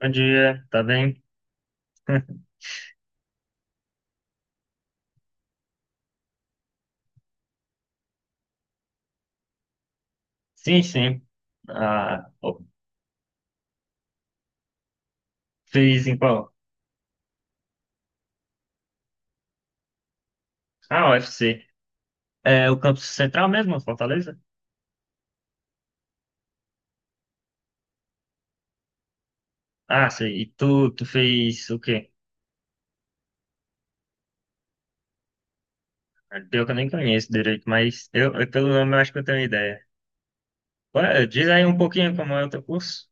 Bom dia, tá bem? Sim, sim. Ah, ó, fez em qual? Ah, UFC. É o campus central mesmo, Fortaleza? Ah, sei. E tu fez o quê? Ah, pior que eu nem conheço direito, mas eu pelo nome eu acho que eu tenho ideia. Ué, diz aí um pouquinho como é o teu curso.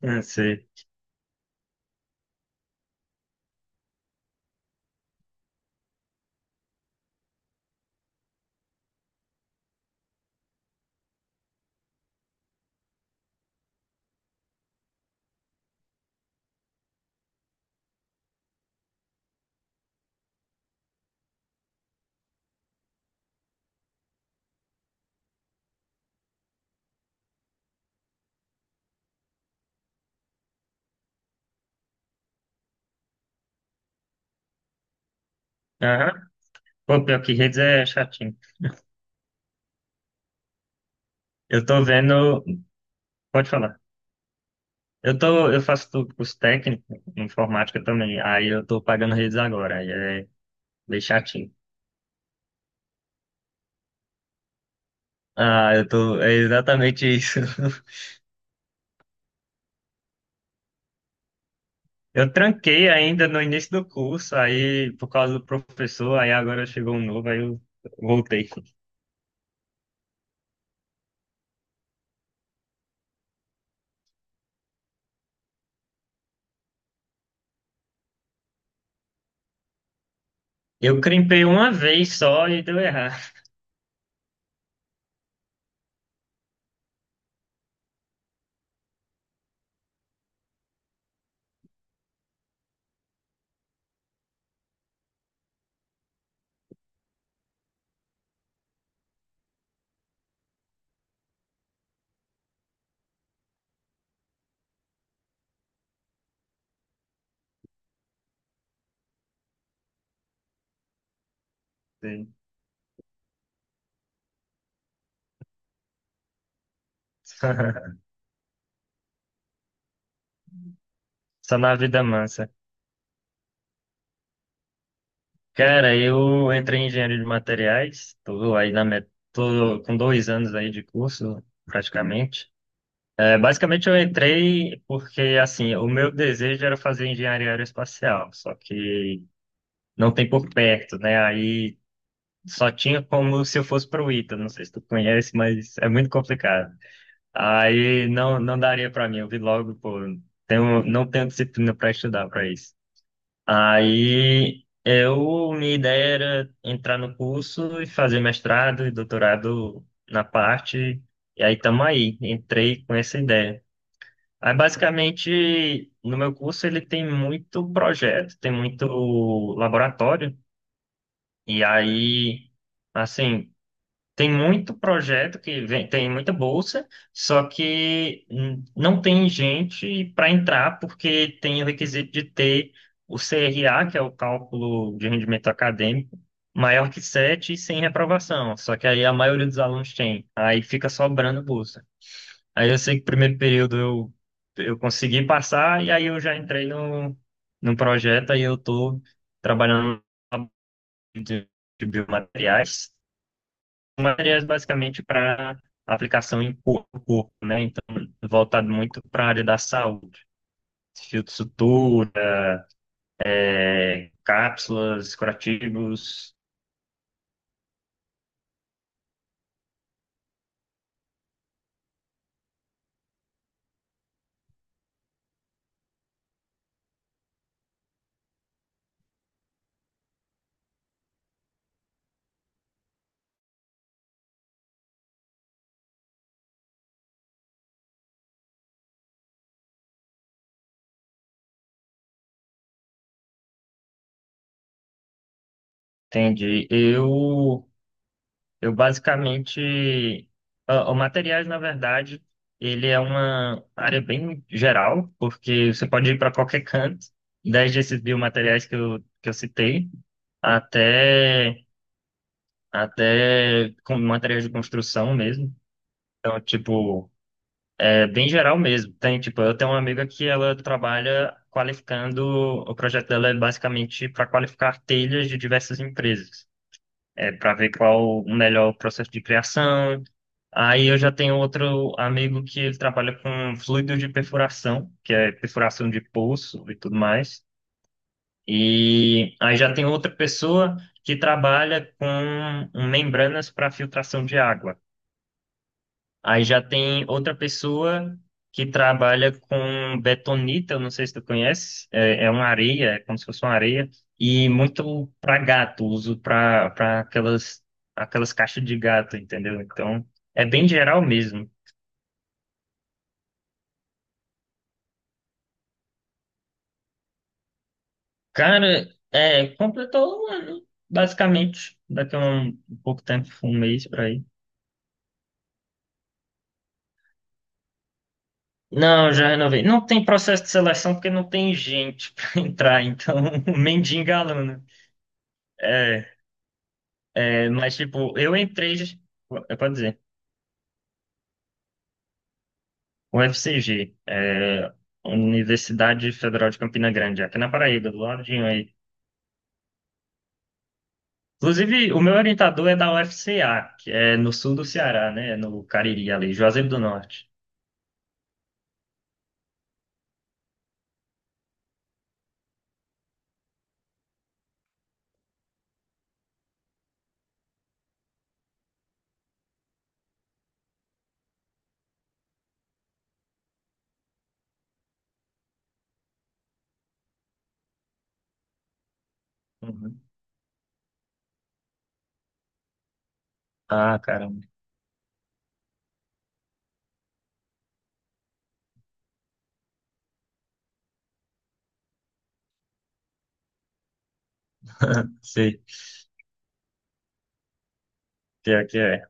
Não sei. Aham. Pô, pior que redes é chatinho. Eu tô vendo. Pode falar. Eu faço curso técnico em informática também. Aí eu tô pagando redes agora. Aí é bem chatinho. Ah, eu tô. É exatamente isso. Eu tranquei ainda no início do curso, aí por causa do professor, aí agora chegou um novo, aí eu voltei. Eu crimpei uma vez só e deu errado. Sim. Só na vida massa. Cara, eu entrei em engenharia de materiais, tô com 2 anos aí de curso, praticamente. É, basicamente eu entrei porque, assim, o meu desejo era fazer engenharia aeroespacial, só que não tem por perto, né? Aí só tinha como se eu fosse pro Ita, não sei se tu conhece, mas é muito complicado. Aí não, não daria para mim, eu vi logo, pô, não tenho disciplina para estudar para isso. Minha ideia era entrar no curso e fazer mestrado e doutorado na parte, e aí tamo aí, entrei com essa ideia. Aí basicamente, no meu curso ele tem muito projeto, tem muito laboratório, e aí... Assim, tem muito projeto que vem, tem muita bolsa, só que não tem gente para entrar porque tem o requisito de ter o CRA, que é o cálculo de rendimento acadêmico, maior que 7 e sem reprovação. Só que aí a maioria dos alunos tem, aí fica sobrando bolsa. Aí eu sei que primeiro período eu consegui passar e aí eu já entrei no projeto, aí eu estou trabalhando de de biomateriais. Materiais basicamente para aplicação em corpo, né? Então, voltado muito para a área da saúde. Filtro sutura, é, cápsulas, curativos, entende? Eu basicamente... Ó, o materiais, na verdade, ele é uma área bem geral, porque você pode ir para qualquer canto, desde esses biomateriais que eu citei, até, até com materiais de construção mesmo. Então, tipo, é bem geral mesmo. Tem, tipo, eu tenho uma amiga que ela trabalha qualificando, o projeto dela é basicamente para qualificar telhas de diversas empresas. É para ver qual o melhor processo de criação. Aí eu já tenho outro amigo que ele trabalha com fluido de perfuração, que é perfuração de poço e tudo mais. E aí já tem outra pessoa que trabalha com membranas para filtração de água. Aí já tem outra pessoa que trabalha com betonita, eu não sei se tu conhece, é, é uma areia, é como se fosse uma areia, e muito para gato, uso para aquelas caixas de gato, entendeu? Então, é bem geral mesmo. Cara, é, completou um ano, basicamente, daqui a um pouco tempo, um mês para aí. Não, já renovei. Não tem processo de seleção porque não tem gente para entrar, então mendiga aluno. Mas, tipo, eu entrei, eu posso dizer, UFCG, é, Universidade Federal de Campina Grande, aqui na Paraíba, do ladinho aí. Inclusive, o meu orientador é da UFCA, que é no sul do Ceará, né? No Cariri, ali, Juazeiro do Norte. Uhum. Ah, caramba. Sei. Pior que é.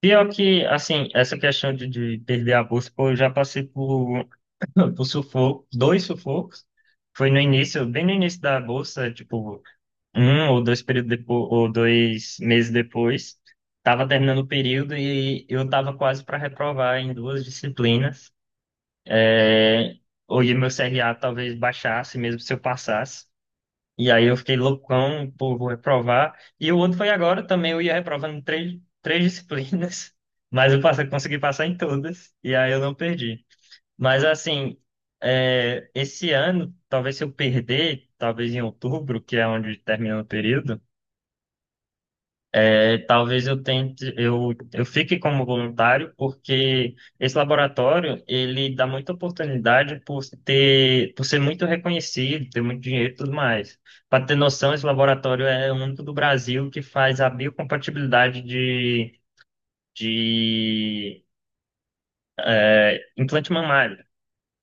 Pior que, assim, essa questão de perder a bolsa, pô, eu já passei por, por sufoco, dois sufocos. Foi no início, bem no início da bolsa, tipo, um ou dois períodos depois, ou 2 meses depois, estava terminando o período e eu estava quase para reprovar em duas disciplinas. É, hoje meu CRA talvez baixasse, mesmo se eu passasse. E aí eu fiquei loucão, pô, vou reprovar. E o outro foi agora também, eu ia reprovando três disciplinas, mas eu passei, consegui passar em todas, e aí eu não perdi. Mas assim, é, esse ano, talvez se eu perder, talvez em outubro, que é onde termina o período, é, talvez eu tente, eu fique como voluntário, porque esse laboratório, ele dá muita oportunidade por ter, por ser muito reconhecido, ter muito dinheiro e tudo mais. Para ter noção, esse laboratório é o único do Brasil que faz a biocompatibilidade de implante mamário.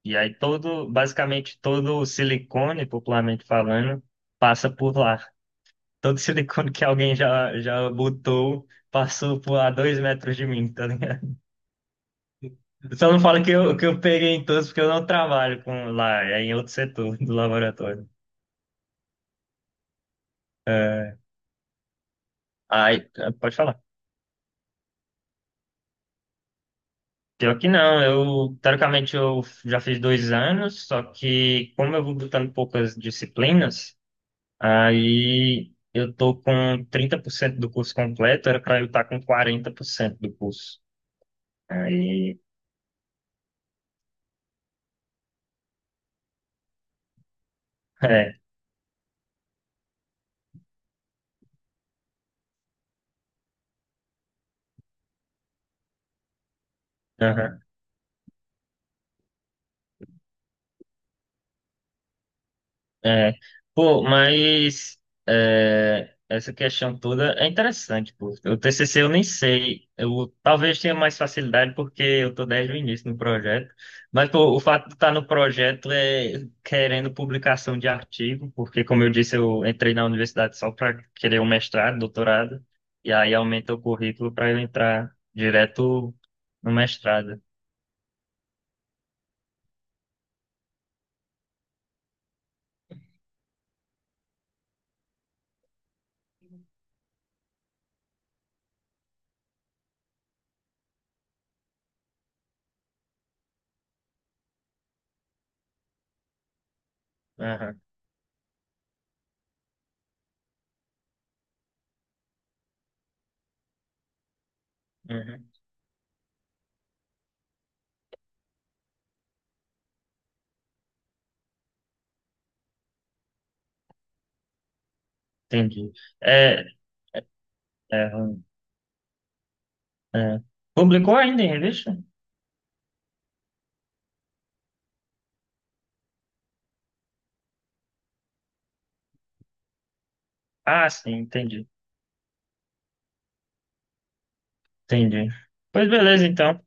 E aí todo, basicamente todo o silicone, popularmente falando, passa por lá. Todo silicone que alguém já botou passou por a 2 metros de mim, tá. Só não fala que eu peguei em todos, porque eu não trabalho com lá, é em outro setor do laboratório. Aí, pode falar. Pior que não, eu, teoricamente, eu já fiz 2 anos, só que como eu vou botando poucas disciplinas, aí eu tô com 30% do curso completo, era pra eu estar com 40% do curso. Aí, é, é, pô, mas é, essa questão toda é interessante, pô. O TCC eu nem sei, eu talvez tenha mais facilidade porque eu tô desde o início no projeto, mas pô, o fato de estar no projeto é querendo publicação de artigo, porque como eu disse, eu entrei na universidade só para querer um mestrado, doutorado, e aí aumenta o currículo para eu entrar direto no mestrado. Aham, uhum, entendi. É, é, é. Publicou ainda em revista? Ah, sim, entendi. Entendi. Pois beleza, então.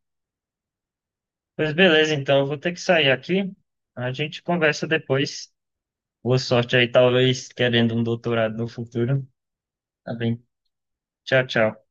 Pois beleza, então. Eu vou ter que sair aqui. A gente conversa depois. Boa sorte aí, talvez querendo um doutorado no futuro. Tá bem. Tchau, tchau.